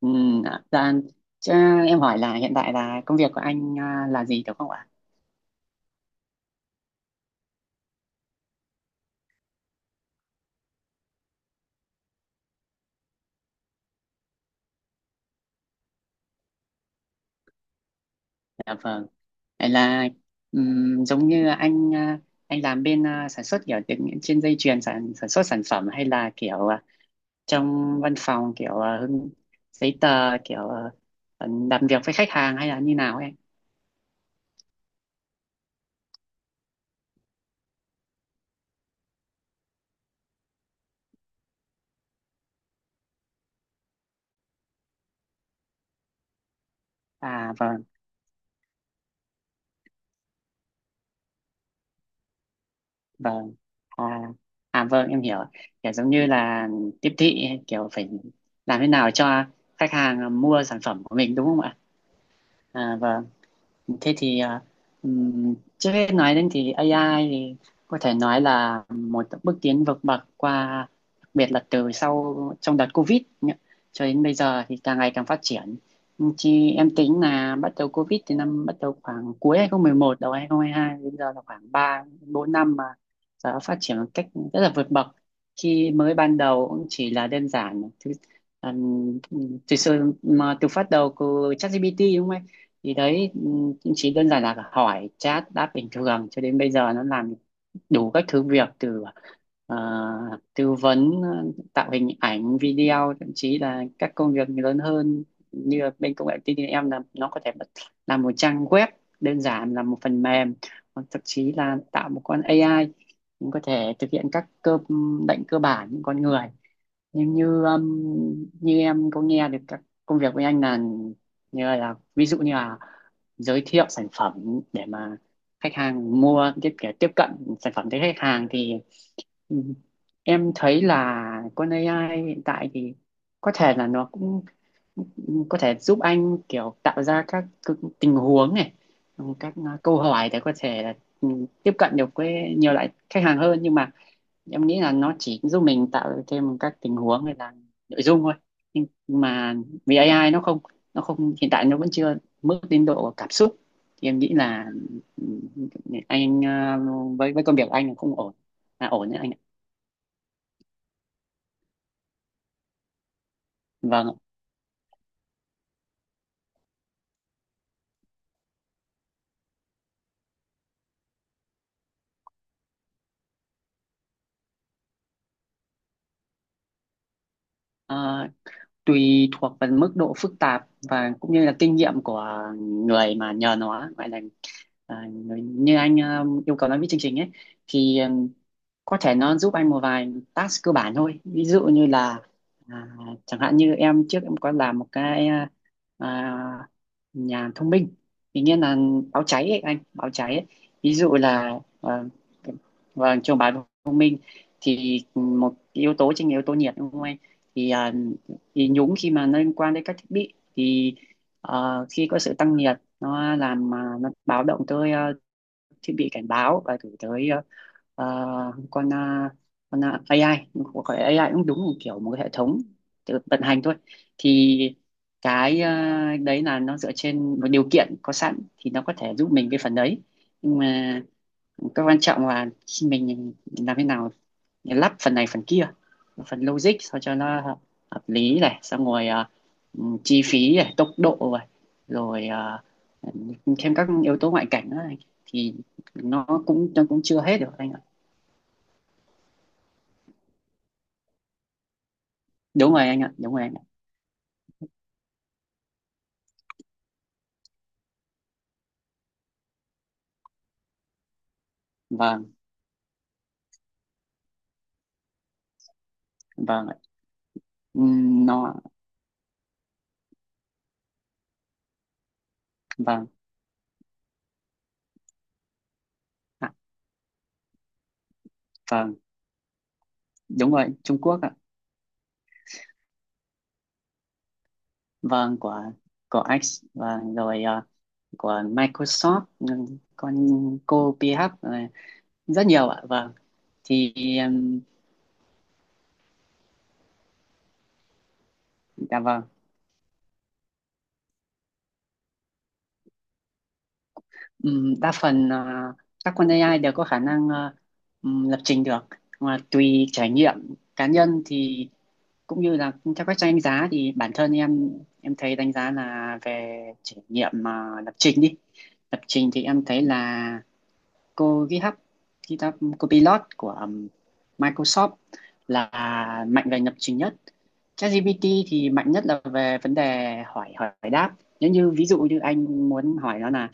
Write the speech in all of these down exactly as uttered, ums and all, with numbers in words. Ừ, dạ, dạ, chứ em hỏi là hiện tại là công việc của anh à, là gì đúng không ạ? Dạ vâng. Vậy là ừm, giống như anh à, anh làm bên à, sản xuất kiểu tiếng- trên dây chuyền sản sản xuất sản phẩm hay là kiểu à, trong văn phòng kiểu à, hưng- giấy tờ kiểu à, làm việc với khách hàng hay là như nào em? À vâng, vâng. À, à vâng em hiểu. Kiểu giống như là tiếp thị kiểu phải làm thế nào cho khách hàng mua sản phẩm của mình, đúng không ạ? À và thế thì à, ừm, trước hết nói đến thì a i thì có thể nói là một bước tiến vượt bậc qua, đặc biệt là từ sau trong đợt Covid nhá. Cho đến bây giờ thì càng ngày càng phát triển. Chị em tính là bắt đầu Covid thì năm bắt đầu khoảng cuối hai không một một, đầu hai không hai hai, đến giờ là khoảng ba bốn năm mà giờ nó phát triển một cách rất là vượt bậc. Khi mới ban đầu cũng chỉ là đơn giản thứ Um, từ sự mà từ phát đầu của ChatGPT, đúng không thì đấy, ừ, chỉ đơn giản là hỏi chat đáp bình thường, cho đến bây giờ nó làm đủ các thứ việc từ ờ, tư vấn ờ, tạo hình ảnh video, thậm chí là các công việc lớn hơn như là bên công nghệ thông tin em là nó có thể bật- làm một trang web đơn giản, là một phần mềm, hoặc thậm chí là tạo một con a i cũng có thể thực hiện các cơ lệnh cơ bản những con người, nhưng như um, như em có nghe được các công việc của anh là như là ví dụ như là giới thiệu sản phẩm để mà khách hàng mua, tiếp để tiếp cận sản phẩm tới khách hàng thì, ừ, em thấy là con a i hiện tại thì có thể là nó cũng có thể giúp anh kiểu tạo ra các cái tình huống này, các à, câu hỏi để có thể là ừ, tiếp cận được với nhiều loại khách hàng hơn, nhưng mà em nghĩ là nó chỉ giúp mình tạo thêm các tình huống hay là nội dung thôi, nhưng mà vì a i nó không nó không hiện tại nó vẫn chưa mức đến độ cảm xúc thì em nghĩ là ừ, anh ờ, với với công việc của anh là không ổn, là ổn đấy anh ạ. Vâng ạ. Ờ, tùy thuộc vào mức độ phức tạp và cũng như là kinh nghiệm của người mà nhờ nó gọi là à, người, như anh ờ, yêu cầu nó viết chương trình ấy thì ờ, có thể nó giúp anh một vài task cơ bản thôi, ví dụ như là à, chẳng hạn như em trước em có làm một cái à, à, nhà thông minh thì nghĩa là báo cháy ấy anh, báo cháy ấy. Ví dụ là à, và trong báo thông minh thì một yếu tố chính là yếu tố nhiệt, đúng không anh? Thì à, thì nhúng khi mà nó liên quan đến các thiết bị thì ờ, khi có sự tăng nhiệt nó làm mà nó báo động tới ờ, thiết bị cảnh báo và gửi tới ờ, ờ, con ờ, con ờ, a i. Không phải a i cũng đúng, một kiểu một cái hệ thống tự vận hành thôi thì cái ờ, đấy là nó dựa trên một điều kiện có sẵn thì nó có thể giúp mình cái phần đấy, nhưng mà cái quan trọng là khi mình làm thế nào lắp phần này phần kia, phần logic sao cho nó hợp, lý này xong rồi à, ừ, chi phí này tốc độ này rồi à, thêm các yếu tố ngoại cảnh này, thì nó cũng nó cũng chưa hết được anh ạ. Đúng rồi anh ạ, đúng rồi anh ạ. Vâng vâng ạ. Ừm, nó vâng ạ, vâng, đúng rồi Trung Quốc ạ, vâng của của X, vâng rồi à, của Microsoft, ừm, con cô pê hát này, rất nhiều ạ, vâng thì ừm, dạ vâng. Ừm, đa phần ờ, các con a i đều có khả năng ờ, ừm, lập trình được, mà tùy trải nghiệm cá nhân thì cũng như là theo các trang đánh giá thì bản thân em em thấy đánh giá là về trải nghiệm mà lập trình đi lập trình thì em thấy là cô GitHub, GitHub Copilot của ừm, Microsoft là mạnh về lập trình nhất. ChatGPT thì mạnh nhất là về vấn đề hỏi hỏi đáp, nếu như ví dụ như anh muốn hỏi nó là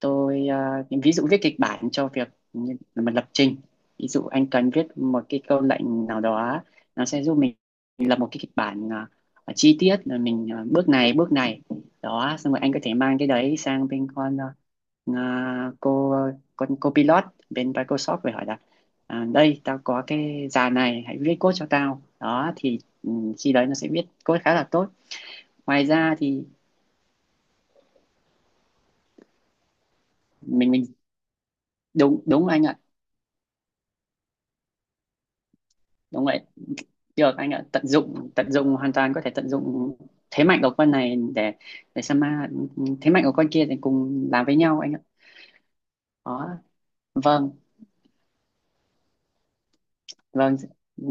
tôi à, ví dụ viết kịch bản cho việc như mình lập trình, ví dụ anh cần viết một cái câu lệnh nào đó nó sẽ giúp mình lập một cái kịch bản à, à, chi tiết là mình à, bước này bước này, đó xong rồi anh có thể mang cái đấy sang bên con à, cô con cô pilot bên Microsoft về hỏi là à, đây tao có cái dàn này hãy viết code cho tao, đó thì ừ, khi đấy nó sẽ viết code khá là tốt. Ngoài ra thì mình mình, đúng đúng anh ạ, đúng vậy. Được anh ạ, tận dụng tận dụng hoàn toàn có thể tận dụng thế mạnh của con này để để Sama thế mạnh của con kia thì cùng làm với nhau anh ạ. Đó. Vâng, vâng,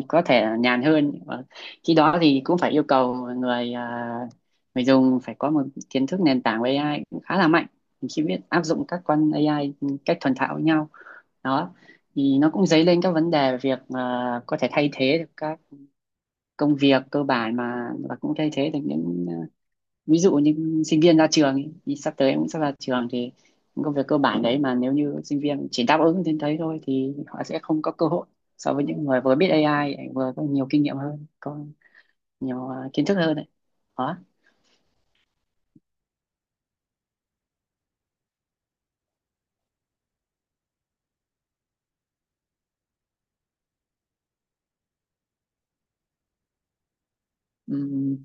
có thể là nhàn hơn. Vâng. Khi đó thì cũng phải yêu cầu người à, người dùng phải có một kiến thức nền tảng về a i cũng khá là mạnh. Mình chỉ biết áp dụng các con a i cách thuần thạo với nhau. Đó. Thì nó cũng dấy lên các vấn đề về việc à, có thể thay thế được các công việc cơ bản mà và cũng thay thế được những à, ví dụ như sinh viên ra trường ý, thì sắp tới em cũng sắp ra trường thì những công việc cơ bản đấy mà nếu như sinh viên chỉ đáp ứng đến đấy thôi thì họ sẽ không có cơ hội so với những người vừa biết a i vừa có nhiều kinh nghiệm hơn, có nhiều à, kiến thức hơn đấy. Đó. Ừm,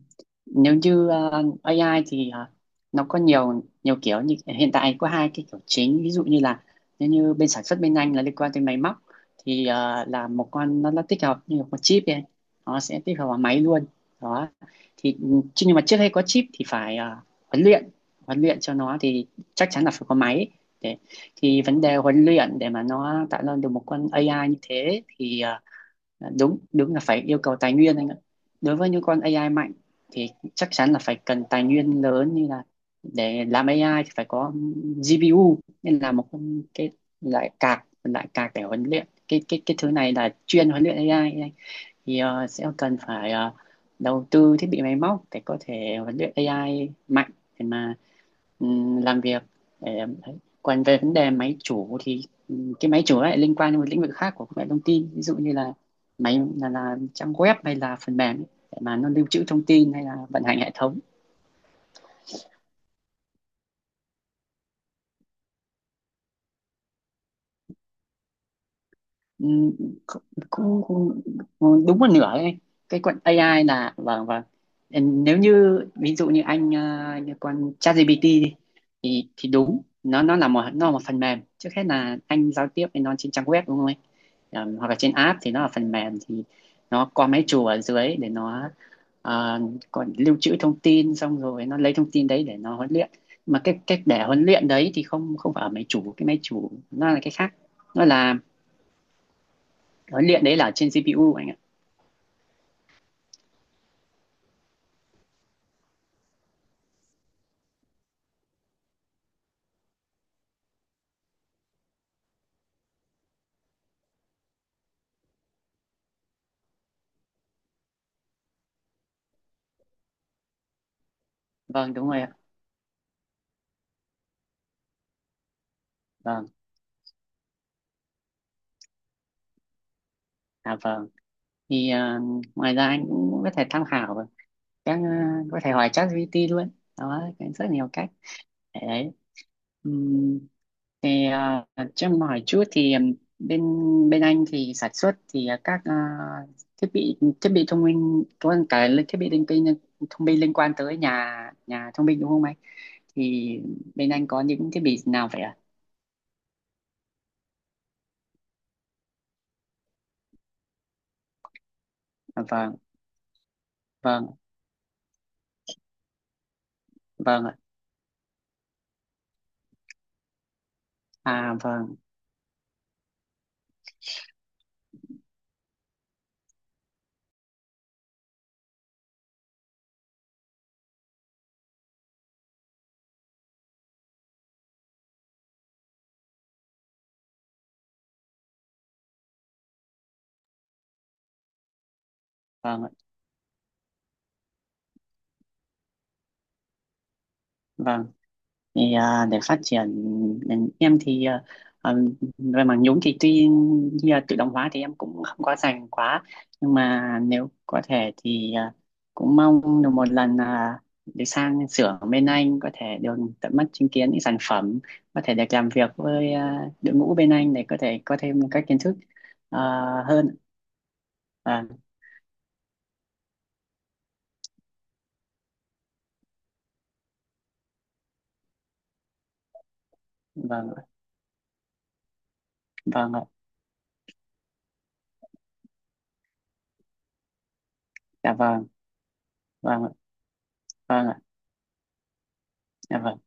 nếu như ờ, a i thì ờ, nó có nhiều nhiều kiểu như hiện tại có hai cái kiểu chính, ví dụ như là nếu như bên sản xuất bên anh là liên quan tới máy móc thì ờ, là một con nó, nó tích hợp như một con chip ấy, nó sẽ tích hợp vào máy luôn. Đó thì ừm, chứ nhưng mà trước hay có chip thì phải ờ, huấn luyện huấn luyện cho nó thì chắc chắn là phải có máy để thì vấn đề huấn luyện để mà nó tạo ra được một con a i như thế thì ờ, đúng đúng là phải yêu cầu tài nguyên anh ạ. Đối với những con a i mạnh thì chắc chắn là phải cần tài nguyên lớn, như là để làm a i thì phải có gi pi u nên là một con- cái loại card loại card để huấn luyện cái cái cái thứ này là chuyên huấn luyện a i ấy. Thì ờ, sẽ cần phải ờ, đầu tư thiết bị máy móc để có thể huấn luyện a i mạnh để mà ừm, làm việc để em thấy, còn về vấn đề máy chủ thì ừm, cái máy chủ lại liên quan đến một lĩnh vực khác của công nghệ thông tin, ví dụ như là máy là, là trang web hay là phần mềm ấy, để mà nó lưu trữ thông tin hay là vận hành hệ thống. Ừ, cũng, cũng, đúng một nửa đấy, cái quận a i là, vâng vâng, nếu như ví dụ như anh ờ, như con ChatGPT đi, thì thì đúng, nó nó là một, nó là một phần mềm, trước hết là anh giao tiếp với nó trên trang web, đúng không anh? Ờ, hoặc là trên app thì nó là phần mềm thì nó có máy chủ ở dưới để nó ờ, còn lưu trữ thông tin xong rồi nó lấy thông tin đấy để nó huấn luyện, mà cái cách để huấn luyện đấy thì không không phải ở máy chủ, cái máy chủ nó là cái khác, nó là huấn luyện đấy là trên xê pê u anh ạ. Vâng đúng rồi ạ, vâng, à vâng thì ờ, ngoài ra anh cũng có thể tham khảo vào các ờ, có thể hỏi ChatGPT luôn, đó cái rất nhiều cách để đấy. Ừm, thì ờ, cho em hỏi chút thì ừm, bên bên anh thì sản xuất thì ờ, các ờ, thiết bị thiết bị thông minh có cả li- thiết bị linh tinh thông minh liên quan tới nhà, nhà thông minh, đúng không anh? Thì bên anh có những thiết bị nào vậy ạ? À, vâng vâng vâng ạ, à vâng, vâng ạ, vâng thì à, để phát triển ngành em thì à, à, về mảng nhúng thì tuy như là tự động hóa thì em cũng không có dành quá, nhưng mà nếu có thể thì à, cũng mong được một lần à, được sang xưởng bên anh có thể được tận mắt chứng kiến những sản phẩm, có thể được làm việc với à, đội ngũ bên anh để có thể có thêm các kiến thức à, hơn. À, vâng ạ, vâng ạ, dạ vâng, vâng ạ, vâng ạ, dạ vâng.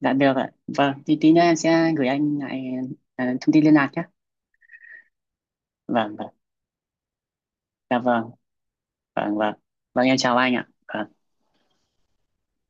Dạ được ạ, vâng thì tí nữa em sẽ gửi anh lại à, thông tin liên lạc nhé. Vâng vâng, dạ vâng, vâng vâng, vâng em chào anh ạ. Vâng.